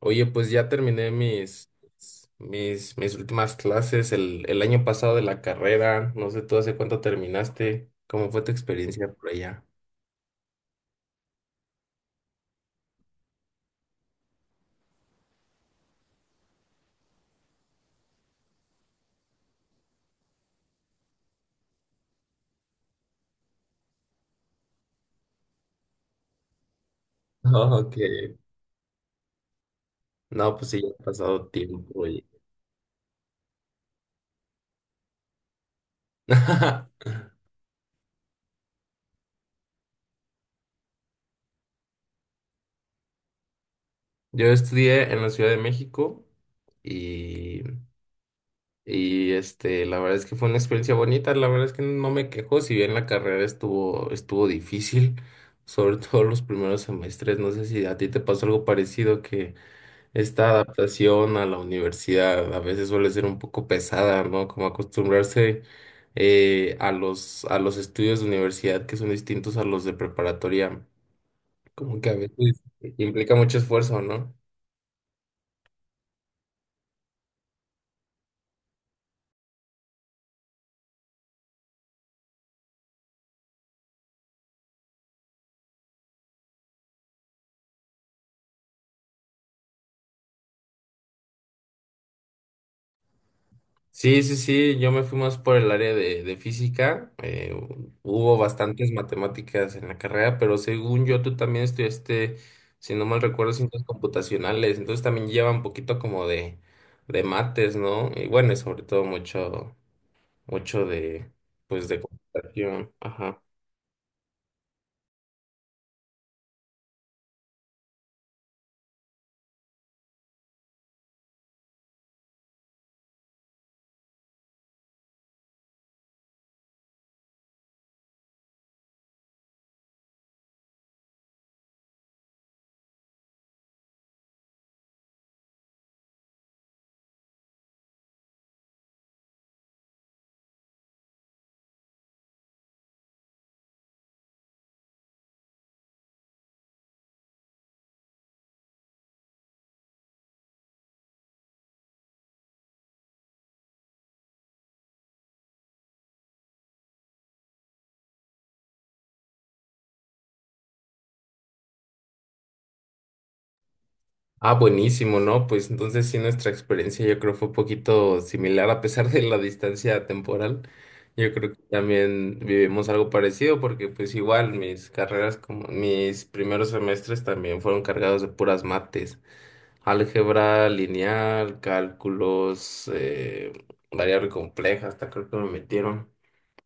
Oye, pues ya terminé mis últimas clases el año pasado de la carrera. No sé tú hace cuánto terminaste. ¿Cómo fue tu experiencia por allá? Ah, ok. No, pues sí, ya ha pasado tiempo, oye. Yo estudié en la Ciudad de México y, y la verdad es que fue una experiencia bonita. La verdad es que no me quejo, si bien la carrera estuvo difícil, sobre todo los primeros semestres. No sé si a ti te pasó algo parecido que esta adaptación a la universidad a veces suele ser un poco pesada, ¿no? Como acostumbrarse a los estudios de universidad que son distintos a los de preparatoria, como que a veces implica mucho esfuerzo, ¿no? Sí, sí, sí, yo me fui más por el área de física, hubo bastantes matemáticas en la carrera, pero según yo tú también estudiaste, si no mal recuerdo, ciencias computacionales, entonces también lleva un poquito como de mates, ¿no? Y bueno, y sobre todo mucho de, pues, de computación. Ajá. Ah, buenísimo, ¿no? Pues entonces sí, nuestra experiencia yo creo fue un poquito similar a pesar de la distancia temporal. Yo creo que también vivimos algo parecido porque pues igual mis carreras como mis primeros semestres también fueron cargados de puras mates. Álgebra, lineal, cálculos, variable compleja, hasta creo que me metieron.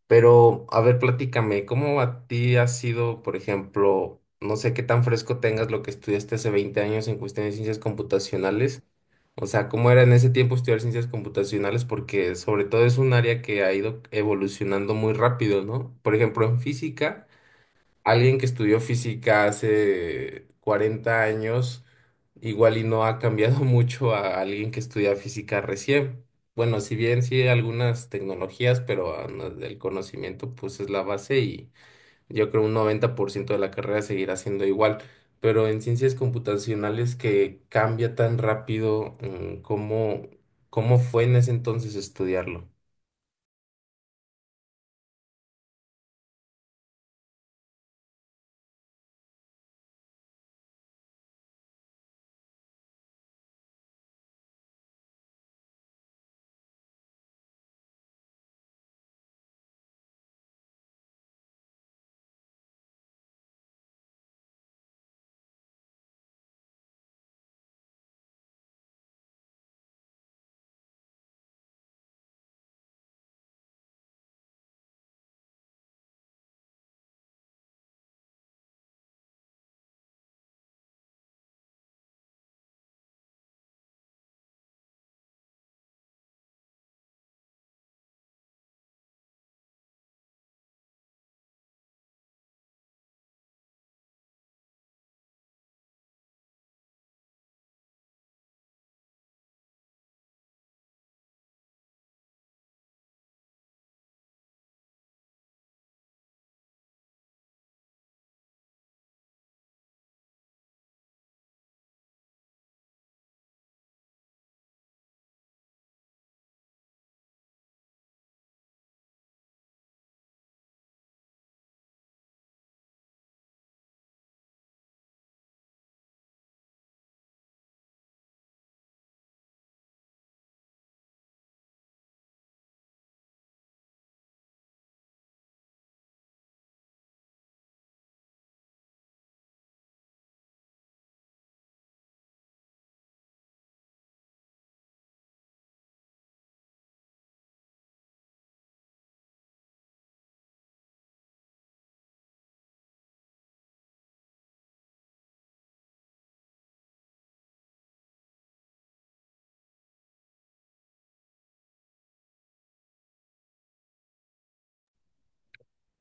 Pero, a ver, platícame, ¿cómo a ti ha sido? Por ejemplo, no sé qué tan fresco tengas lo que estudiaste hace 20 años en cuestión de ciencias computacionales. O sea, ¿cómo era en ese tiempo estudiar ciencias computacionales? Porque sobre todo es un área que ha ido evolucionando muy rápido, ¿no? Por ejemplo, en física alguien que estudió física hace 40 años, igual y no ha cambiado mucho a alguien que estudia física recién. Bueno, si bien sí hay algunas tecnologías, pero ah, no, el conocimiento pues es la base y yo creo un 90% de la carrera seguirá siendo igual. Pero en ciencias computacionales que cambia tan rápido, ¿cómo, cómo fue en ese entonces estudiarlo?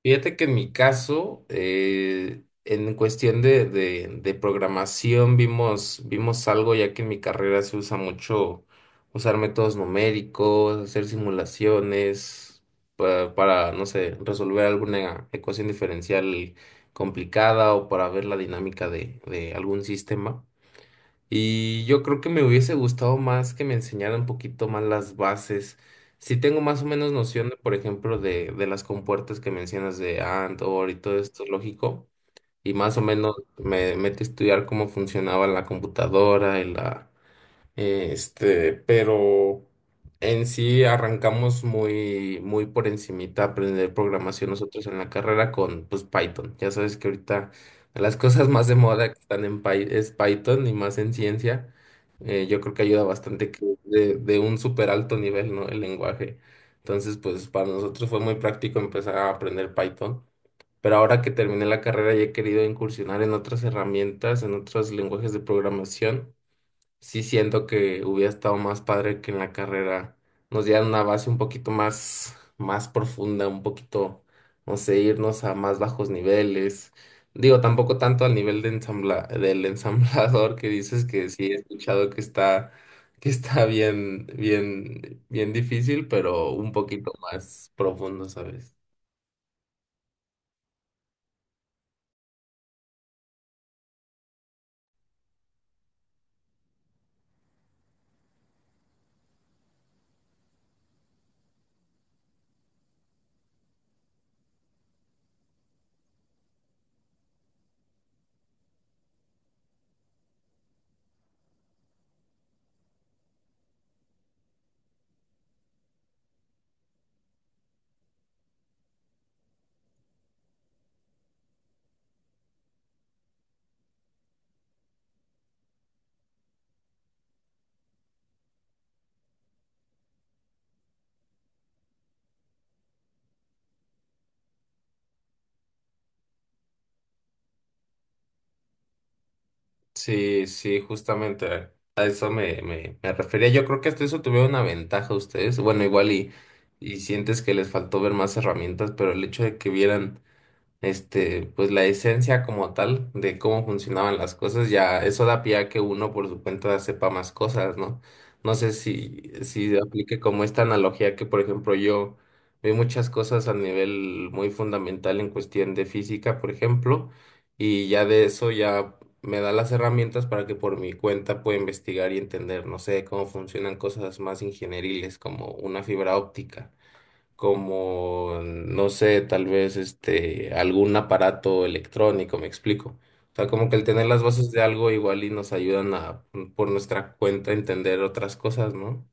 Fíjate que en mi caso, en cuestión de programación, vimos algo, ya que en mi carrera se usa mucho usar métodos numéricos, hacer simulaciones para, no sé, resolver alguna ecuación diferencial complicada o para ver la dinámica de algún sistema. Y yo creo que me hubiese gustado más que me enseñaran un poquito más las bases. Si tengo más o menos noción, por ejemplo, de las compuertas que mencionas de Antor y todo esto lógico, y más o menos me metí a estudiar cómo funcionaba la computadora y la, este, pero en sí arrancamos muy por encimita a aprender programación nosotros en la carrera con pues Python. Ya sabes que ahorita de las cosas más de moda que están en es Python y más en ciencia. Yo creo que ayuda bastante que de un súper alto nivel, ¿no? El lenguaje. Entonces, pues para nosotros fue muy práctico empezar a aprender Python. Pero ahora que terminé la carrera ya he querido incursionar en otras herramientas, en otros lenguajes de programación. Sí siento que hubiera estado más padre que en la carrera nos dieran una base un poquito más profunda, un poquito, no sé, irnos a más bajos niveles. Digo, tampoco tanto al nivel de del ensamblador que dices que sí he escuchado que está bien difícil, pero un poquito más profundo, ¿sabes? Sí, sí, justamente a eso me refería. Yo creo que hasta eso tuvieron una ventaja ustedes. Bueno, y sientes que les faltó ver más herramientas, pero el hecho de que vieran este, pues la esencia como tal de cómo funcionaban las cosas, ya eso da pie a que uno por su cuenta sepa más cosas, ¿no? No sé si, si aplique como esta analogía que, por ejemplo, yo vi muchas cosas a nivel muy fundamental en cuestión de física, por ejemplo, y ya de eso me da las herramientas para que por mi cuenta pueda investigar y entender, no sé, cómo funcionan cosas más ingenieriles como una fibra óptica, como, no sé, tal vez este, algún aparato electrónico, me explico. O sea, como que el tener las bases de algo igual y nos ayudan a, por nuestra cuenta, entender otras cosas, ¿no?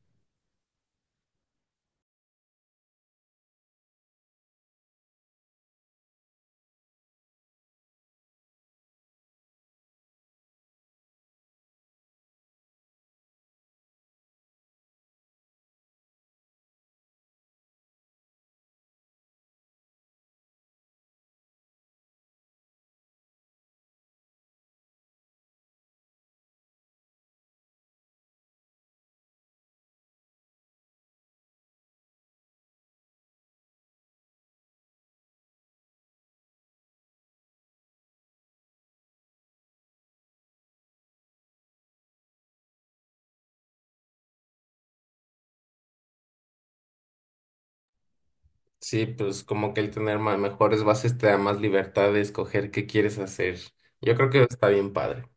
Sí, pues como que el tener mejores bases te da más libertad de escoger qué quieres hacer. Yo creo que está bien padre.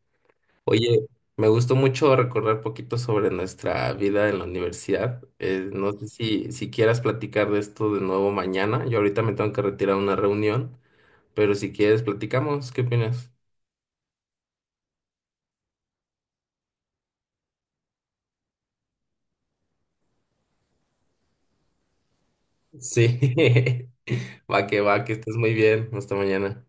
Oye, me gustó mucho recordar poquito sobre nuestra vida en la universidad. No sé si, si quieras platicar de esto de nuevo mañana. Yo ahorita me tengo que retirar a una reunión. Pero si quieres, platicamos. ¿Qué opinas? Sí, va que va, que estés muy bien. Hasta mañana.